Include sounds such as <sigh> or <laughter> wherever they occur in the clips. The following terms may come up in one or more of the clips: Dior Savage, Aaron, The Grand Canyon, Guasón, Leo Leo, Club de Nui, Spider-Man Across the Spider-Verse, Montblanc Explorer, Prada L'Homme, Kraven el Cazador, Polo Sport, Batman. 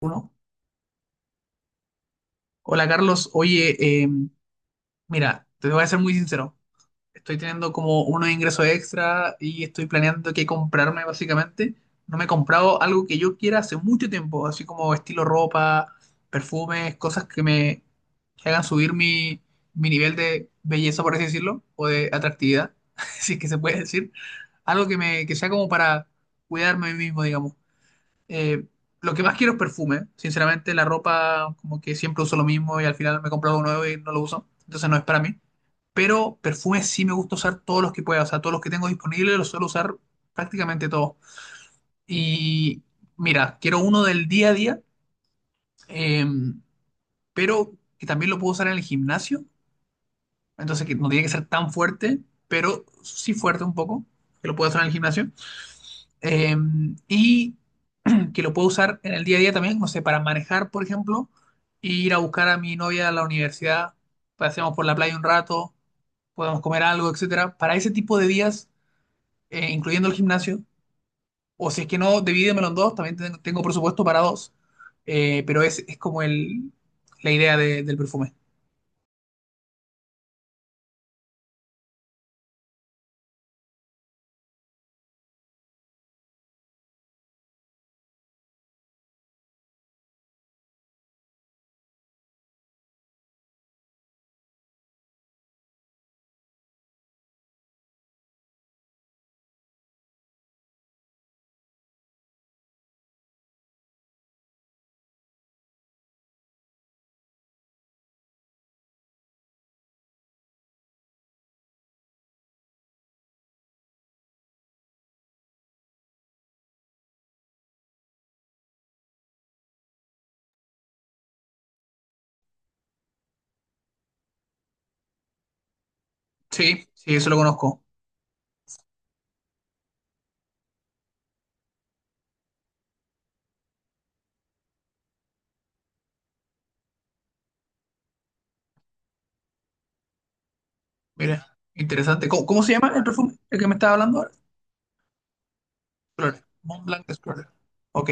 Uno. Hola Carlos, oye, mira, te voy a ser muy sincero. Estoy teniendo como unos ingresos extra y estoy planeando qué comprarme básicamente. No me he comprado algo que yo quiera hace mucho tiempo, así como estilo ropa, perfumes, cosas que hagan subir mi nivel de belleza, por así decirlo, o de atractividad, <laughs> si es que se puede decir. Algo que me que sea como para cuidarme a mí mismo, digamos. Eh, lo que más quiero es perfume. Sinceramente, la ropa, como que siempre uso lo mismo y al final me compro algo nuevo y no lo uso. Entonces no es para mí. Pero perfume sí me gusta usar todos los que pueda. O sea, todos los que tengo disponibles los suelo usar prácticamente todos. Y mira, quiero uno del día a día, eh, pero que también lo puedo usar en el gimnasio. Entonces que no tiene que ser tan fuerte, pero sí fuerte un poco, que lo puedo usar en el gimnasio. Eh, y que lo puedo usar en el día a día también, no sé, para manejar, por ejemplo, e ir a buscar a mi novia a la universidad, paseamos por la playa un rato, podemos comer algo, etcétera. Para ese tipo de días, incluyendo el gimnasio, o si es que no, divídemelo en dos, también tengo presupuesto para dos. Pero es como la del perfume. Sí, sí, eso lo conozco. Mira, interesante. ¿Cómo se llama el perfume? El que me estaba hablando ahora. Explorer. Montblanc Explorer. Ok.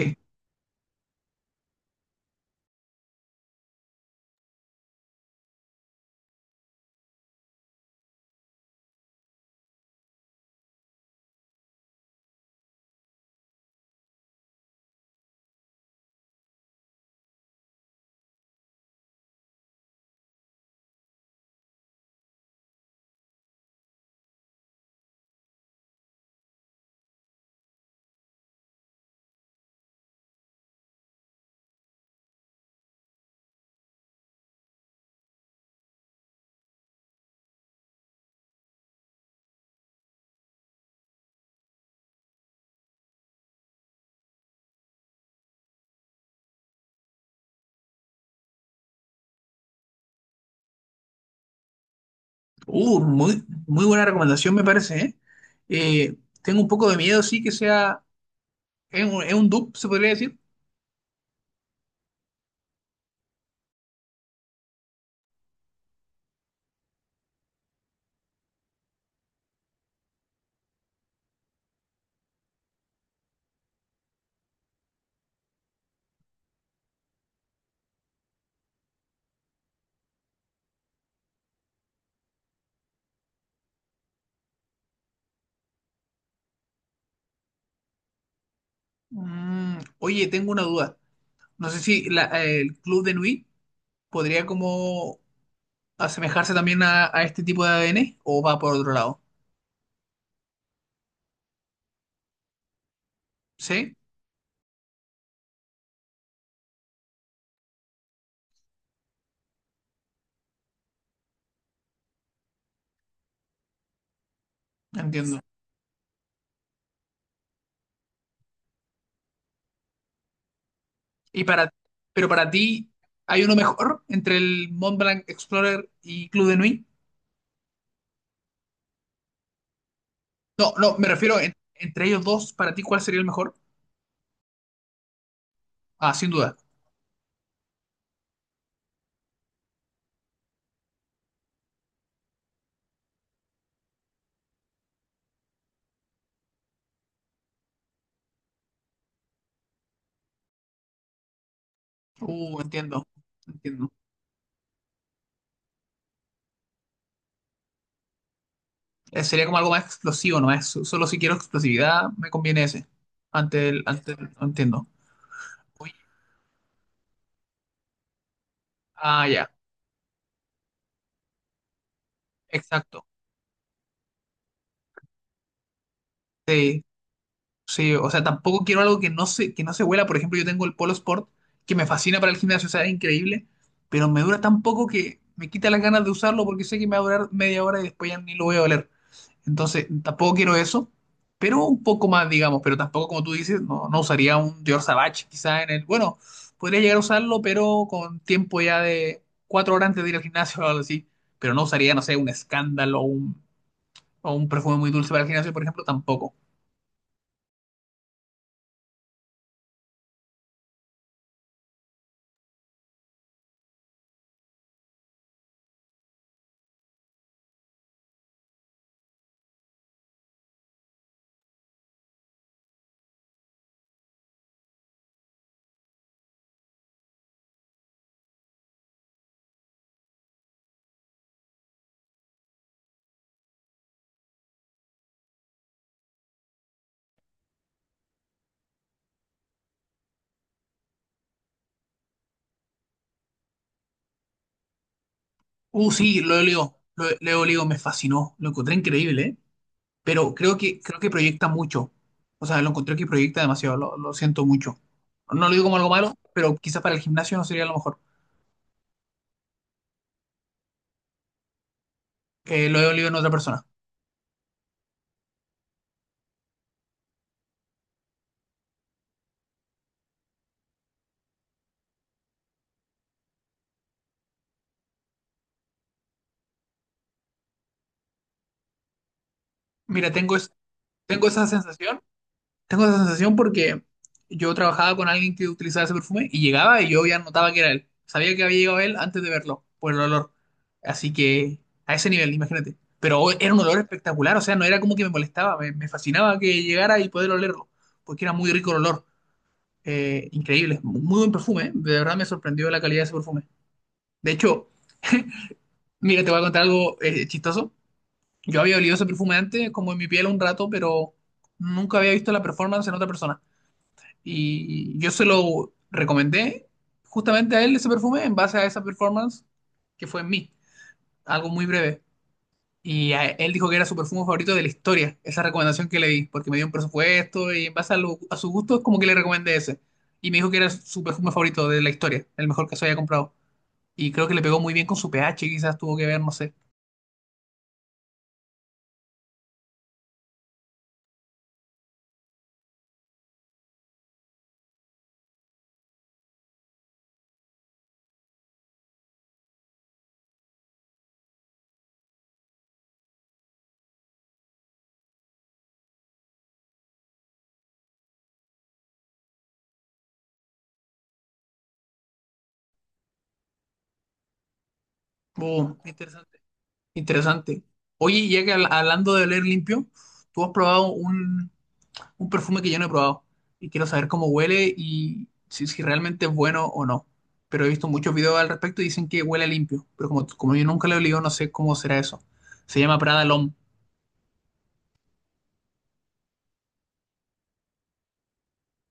Muy, muy buena recomendación me parece, ¿eh? Eh, tengo un poco de miedo, sí, que sea... ¿Es es un dupe, se podría decir? Mm, oye, tengo una duda. No sé si el club de Nui podría como asemejarse también a este tipo de ADN o va por otro lado. ¿Sí? Entiendo. Y para, pero para ti, ¿hay uno mejor entre el Mont Blanc Explorer y Club de Nui? No, no, me refiero entre ellos dos, para ti, ¿cuál sería el mejor? Ah, sin duda. Entiendo. Entiendo. Sería como algo más explosivo, ¿no? Es, solo si quiero explosividad, me conviene ese. Ante no entiendo. Oye, ah, ya, exacto. Sí, sí, o sea, tampoco quiero algo que que no se huela. Por ejemplo, yo tengo el Polo Sport, que me fascina para el gimnasio, o sea, es increíble, pero me dura tan poco que me quita las ganas de usarlo porque sé que me va a durar media hora y después ya ni lo voy a oler. Entonces, tampoco quiero eso, pero un poco más, digamos, pero tampoco, como tú dices, no, no usaría un Dior Savage, quizás en el, bueno, podría llegar a usarlo, pero con tiempo ya de cuatro horas antes de ir al gimnasio o algo así, pero no usaría, no sé, un escándalo o un perfume muy dulce para el gimnasio, por ejemplo, tampoco. Sí, Leo Leo me fascinó, lo encontré increíble, ¿eh? Pero creo que proyecta mucho, o sea, lo encontré que proyecta demasiado, lo siento mucho. No lo digo como algo malo, pero quizás para el gimnasio no sería lo mejor. Que lo he olido en otra persona. Mira, tengo esa sensación, tengo esa sensación porque yo trabajaba con alguien que utilizaba ese perfume y llegaba y yo ya notaba que era él. Sabía que había llegado él antes de verlo, por el olor. Así que a ese nivel, imagínate. Pero hoy era un olor espectacular, o sea, no era como que me molestaba, me fascinaba que llegara y poder olerlo, porque era muy rico el olor. Increíble, muy buen perfume, ¿eh? De verdad me sorprendió la calidad de ese perfume. De hecho, mira, te voy a contar algo chistoso. Yo había olido ese perfume antes, como en mi piel un rato, pero nunca había visto la performance en otra persona. Y yo se lo recomendé justamente a él ese perfume en base a esa performance que fue en mí, algo muy breve. Y él dijo que era su perfume favorito de la historia, esa recomendación que le di, porque me dio un presupuesto y en base a, a su gusto es como que le recomendé ese. Y me dijo que era su perfume favorito de la historia, el mejor que se había comprado. Y creo que le pegó muy bien con su pH, quizás tuvo que ver, no sé. Oh, interesante. Interesante. Oye, ya que hablando de oler limpio, tú has probado un perfume que yo no he probado y quiero saber cómo huele y si realmente es bueno o no. Pero he visto muchos videos al respecto y dicen que huele limpio, pero como yo nunca lo he olido, no sé cómo será eso. Se llama Prada L'Homme.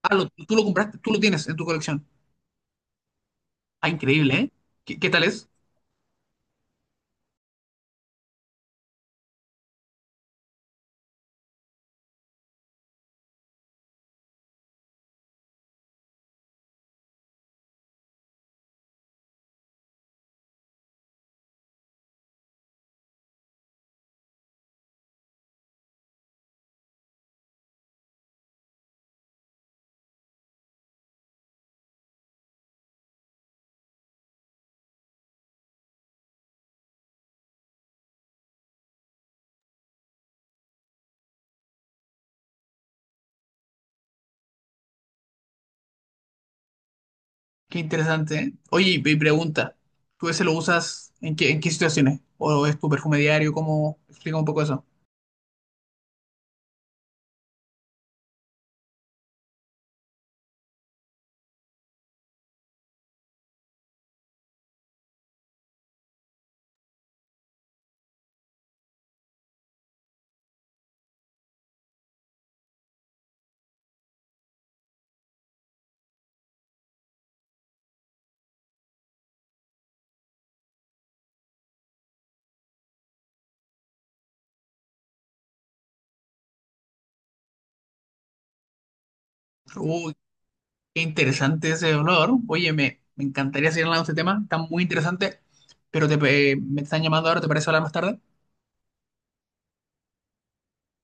Ah, tú lo compraste, tú lo tienes en tu colección. Ah, increíble, ¿eh? ¿Qué, qué tal es? Qué interesante, ¿eh? Oye, y pregunta, ¿tú ese lo usas en qué situaciones? ¿O es tu perfume diario? ¿Cómo? Explica un poco eso. Uh, Qué interesante ese dolor. Oye, me encantaría seguir hablando de este tema, está muy interesante, pero te, me están llamando ahora, ¿te parece hablar más tarde?